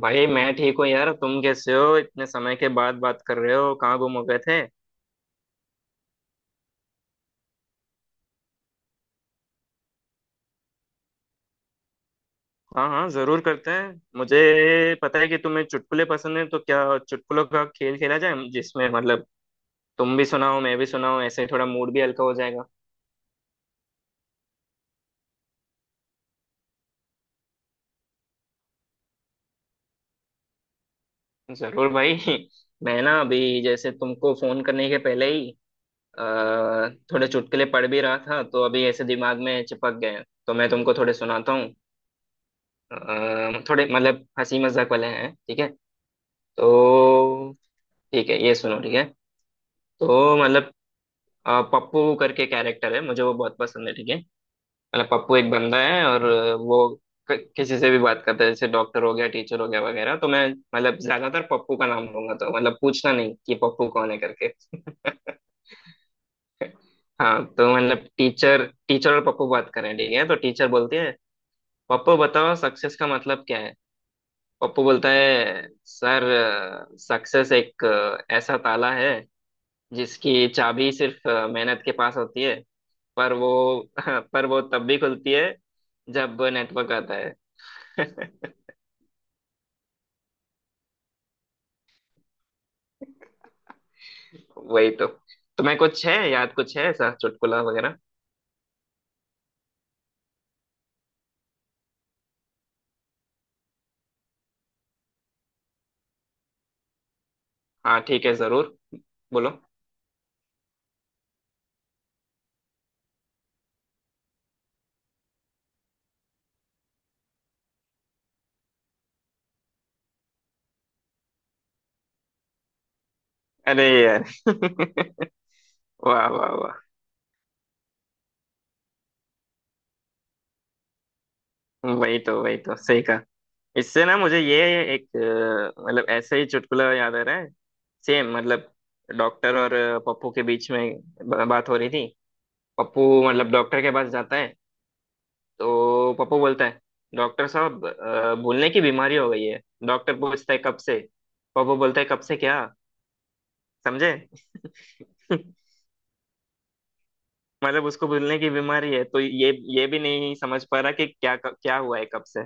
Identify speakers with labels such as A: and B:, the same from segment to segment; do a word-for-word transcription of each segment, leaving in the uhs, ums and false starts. A: भाई मैं ठीक हूँ यार। तुम कैसे हो? इतने समय के बाद बात कर रहे हो, कहाँ गुम हो गए थे? हाँ हाँ, जरूर करते हैं। मुझे पता है कि तुम्हें चुटकुले पसंद है, तो क्या चुटकुलों का खेल खेला जाए, जिसमें मतलब तुम भी सुनाओ मैं भी सुनाऊं, ऐसे थोड़ा मूड भी हल्का हो जाएगा। जरूर भाई। मैं ना अभी जैसे तुमको फोन करने के पहले ही अ, थोड़े चुटकुले पढ़ भी रहा था, तो अभी ऐसे दिमाग में चिपक गए हैं। तो मैं तुमको थोड़े सुनाता हूँ। अ, थोड़े मतलब हंसी मजाक वाले हैं, ठीक है? तो ठीक है, ये सुनो ठीक है। तो मतलब अ, पप्पू करके कैरेक्टर है, मुझे वो बहुत पसंद है ठीक है। मतलब पप्पू एक बंदा है और अ, वो क- किसी से भी बात करता है, जैसे डॉक्टर हो गया, टीचर हो गया वगैरह। तो मैं मतलब ज्यादातर पप्पू का नाम लूंगा, तो मतलब पूछना नहीं कि पप्पू कौन है करके। हाँ, तो मतलब टीचर टीचर और पप्पू बात करें ठीक है। तो टीचर बोलती है, पप्पू बताओ सक्सेस का मतलब क्या है। पप्पू बोलता है, सर सक्सेस एक अ, ऐसा ताला है, जिसकी चाबी सिर्फ अ, मेहनत के पास होती है। पर वो पर वो तब भी खुलती है जब नेटवर्क आता है। वही तो। तुम्हें कुछ है याद, कुछ है ऐसा चुटकुला वगैरह? हाँ ठीक है, जरूर बोलो। अरे यार। वाह वाह वाह। वही तो, वही तो सही कहा। इससे ना मुझे ये एक अ, मतलब ऐसे ही चुटकुला याद आ रहा है, सेम मतलब, डॉक्टर और अ, पप्पू के बीच में ब- बात हो रही थी। पप्पू मतलब डॉक्टर के पास जाता है। तो पप्पू बोलता है, डॉक्टर साहब अ, भूलने की बीमारी हो गई है। डॉक्टर पूछता है, कब से। पप्पू बोलता है, कब से क्या। समझे? मतलब उसको भूलने की बीमारी है, तो ये ये भी नहीं समझ पा रहा कि क्या क्या हुआ है कब से।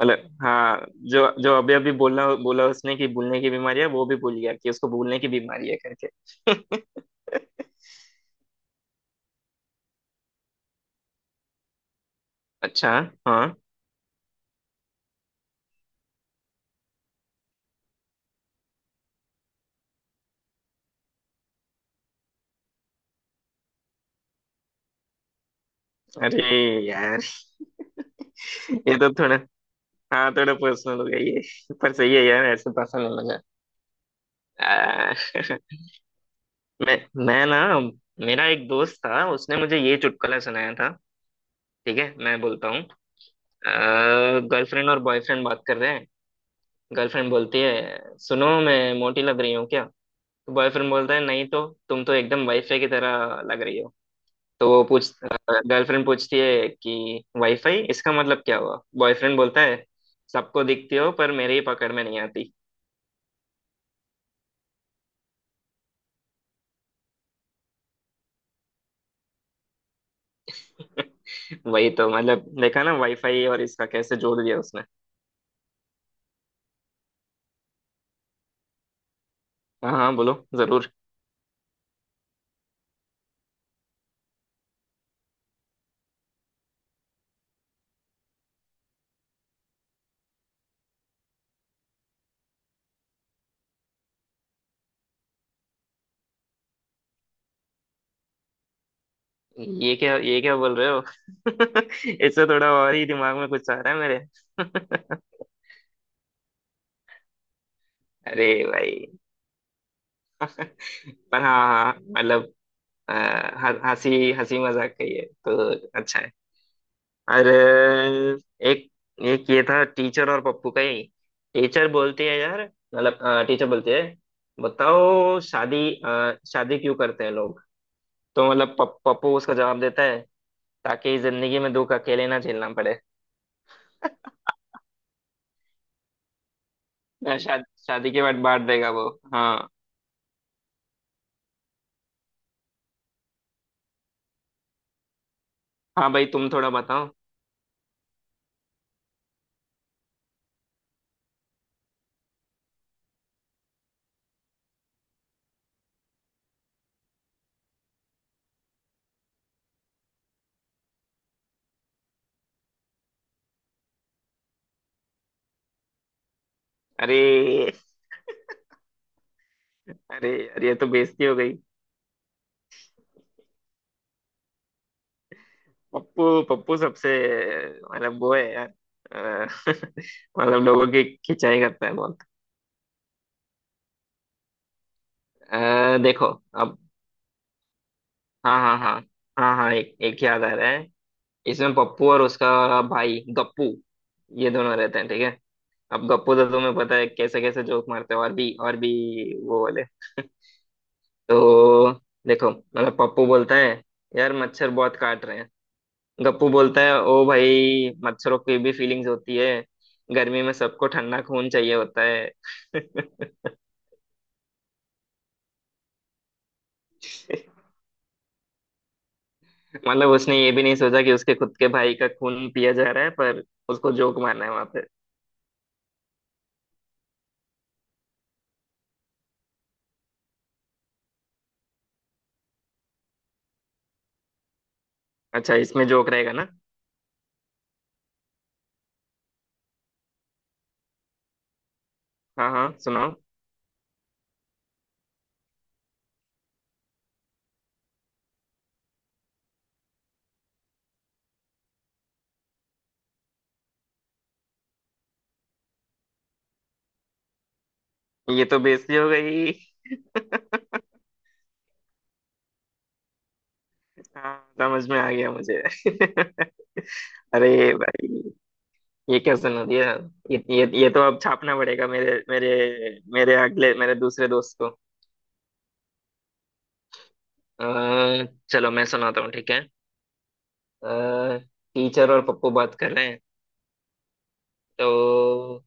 A: मतलब हाँ, जो जो अभी अभी बोला बोला उसने कि भूलने की बीमारी है, वो भी भूल गया कि उसको भूलने की बीमारी है करके। अच्छा। हाँ। अरे यार, ये तो थोड़ा, हाँ थोड़ा पर्सनल हो गया ये, पर सही है यार, ऐसे पसंद है मुझे। आ, मैं मैं ना, मेरा एक दोस्त था, उसने मुझे ये चुटकुला सुनाया था। ठीक है, मैं बोलता हूँ। गर्लफ्रेंड और बॉयफ्रेंड बात कर रहे हैं। गर्लफ्रेंड बोलती है, सुनो मैं मोटी लग रही हूँ क्या? तो बॉयफ्रेंड बोलता है, नहीं तो, तुम तो एकदम वाईफाई की तरह लग रही हो। तो वो पूछ गर्लफ्रेंड पूछती है कि वाईफाई इसका मतलब क्या हुआ। बॉयफ्रेंड बोलता है, सबको दिखती हो पर मेरी पकड़ में नहीं आती। वही तो, मतलब देखा ना, वाईफाई और इसका कैसे जोड़ दिया उसने। हाँ हाँ, बोलो जरूर। ये क्या ये क्या बोल रहे हो? इससे थोड़ा और ही दिमाग में कुछ आ रहा है मेरे। अरे भाई। पर हाँ हाँ मतलब अ, ह- हंसी हंसी मजाक का ही है तो, अच्छा है। और अ, एक एक ये था टीचर और पप्पू का ही। टीचर बोलती है यार, मतलब टीचर बोलती है, बताओ शादी अ, शादी क्यों करते हैं लोग। तो मतलब पप- पप्पू उसका जवाब देता है, ताकि जिंदगी में दुख अकेले ना झेलना पड़े। ना, शाद, शादी के बाद बांट देगा वो। हाँ। हाँ भाई, तुम थोड़ा बताओ। अरे, अरे यार, ये तो बेइज्जती हो गई। पप्पू पप्पू सबसे, मतलब वो है यार। अ, मतलब लोगों की खिंचाई करता है बहुत। अ, देखो अब। हाँ हाँ हाँ हाँ हाँ, एक एक याद आ रहा है। इसमें पप्पू और उसका भाई गप्पू, ये दोनों रहते हैं ठीक है। अब गप्पू तो तुम्हें पता है, कैसे कैसे जोक मारते हैं और भी और भी, वो वाले। तो देखो मतलब पप्पू बोलता है, यार मच्छर बहुत काट रहे हैं। गप्पू बोलता है, ओ भाई, मच्छरों की भी फीलिंग्स होती है, गर्मी में सबको ठंडा खून चाहिए होता है। मतलब उसने ये भी नहीं सोचा कि उसके खुद के भाई का खून पिया जा रहा है, पर उसको जोक मारना है वहां पे। अच्छा इसमें जोक रहेगा ना। हाँ हाँ, सुनाओ। ये तो बेइज्जती हो गई। हाँ, समझ में आ गया मुझे। अरे भाई, ये क्या, सुनो ये ये ये ये तो अब छापना पड़ेगा मेरे मेरे मेरे अगले मेरे दूसरे दोस्त को। अ, चलो मैं सुनाता हूँ ठीक है। टीचर और पप्पू बात कर रहे हैं। तो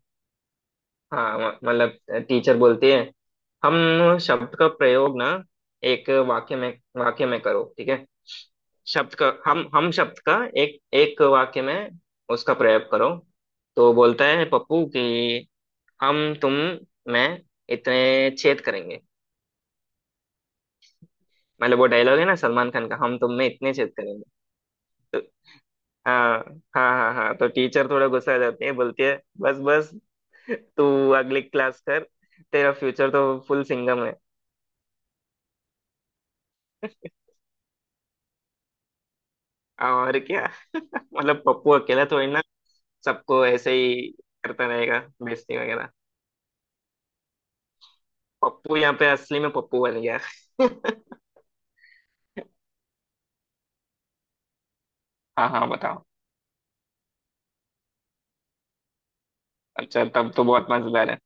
A: हाँ, म- मतलब टीचर बोलती है, हम शब्द का प्रयोग ना एक वाक्य में वाक्य में करो ठीक है। शब्द का हम हम शब्द का एक एक वाक्य में उसका प्रयोग करो। तो बोलता है पप्पू कि, हम तुम मैं इतने छेद करेंगे। मतलब वो डायलॉग है ना सलमान खान का, हम तुम में इतने छेद करेंगे। हाँ हाँ हाँ हाँ, तो टीचर थोड़ा गुस्सा आ जाती है, बोलती है, बस बस, तू अगली क्लास कर, तेरा फ्यूचर तो फुल सिंगम है। और क्या, मतलब पप्पू अकेला थोड़ी ना, सबको ऐसे ही करता रहेगा बेइज्जती वगैरह। पप्पू यहाँ पे असली में पप्पू बन गया। हाँ हाँ, बताओ। अच्छा तब तो बहुत मजेदार है।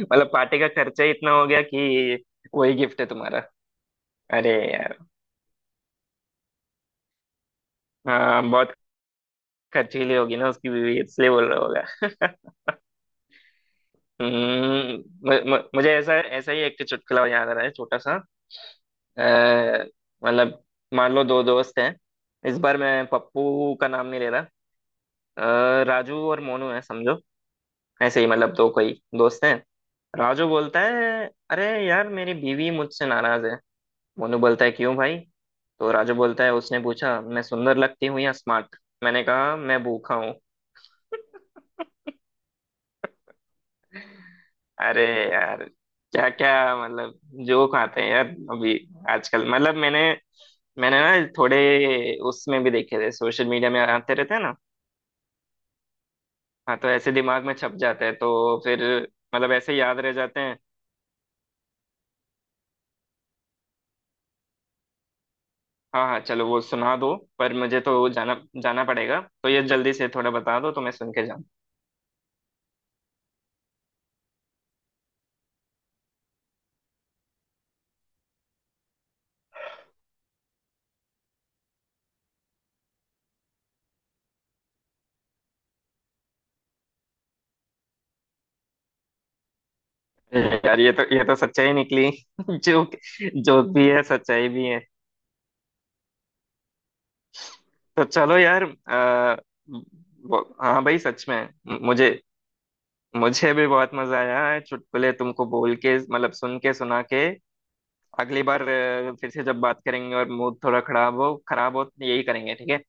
A: मतलब पार्टी का खर्चा ही इतना हो गया कि वही गिफ्ट है तुम्हारा। अरे यार। हाँ बहुत खर्चीली होगी ना उसकी बीवी, इसलिए बोल रहा होगा। हम्म, म- म- मुझे ऐसा, ऐसा ही एक चुटकुला याद आ रहा है छोटा सा। अ, मतलब मान लो दो दोस्त हैं। इस बार मैं पप्पू का नाम नहीं ले रहा, अ, राजू और मोनू है समझो। ऐसे ही मतलब दो कोई दोस्त हैं। राजू बोलता है, अरे यार मेरी बीवी मुझसे नाराज है। मोनू बोलता है, क्यों भाई। तो राजू बोलता है, उसने पूछा मैं सुंदर लगती हूँ या स्मार्ट, मैंने कहा मैं भूखा। अरे यार, क्या क्या मतलब जोक आते हैं यार अभी आजकल। मतलब मैंने मैंने ना थोड़े उसमें भी देखे थे, सोशल मीडिया में आते रहते हैं ना। हाँ, तो ऐसे दिमाग में छप जाते हैं तो फिर मतलब ऐसे याद रह जाते हैं। हाँ हाँ, चलो वो सुना दो, पर मुझे तो जाना, जाना पड़ेगा तो ये जल्दी से थोड़ा बता दो, तो मैं सुन के जाऊँ। यार ये तो, ये तो सच्चाई निकली। जोक, जोक भी है सच्चाई भी है। तो चलो यार, आ, वो- हाँ भाई सच में, मुझे मुझे भी बहुत मजा आया है, चुटकुले तुमको बोल के मतलब सुन के सुना के। अगली बार अ, फिर से जब बात करेंगे और मूड थोड़ा खराब हो, खराब हो, यही करेंगे ठीक है।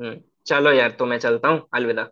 A: हम्म चलो यार, तो मैं चलता हूँ। अलविदा।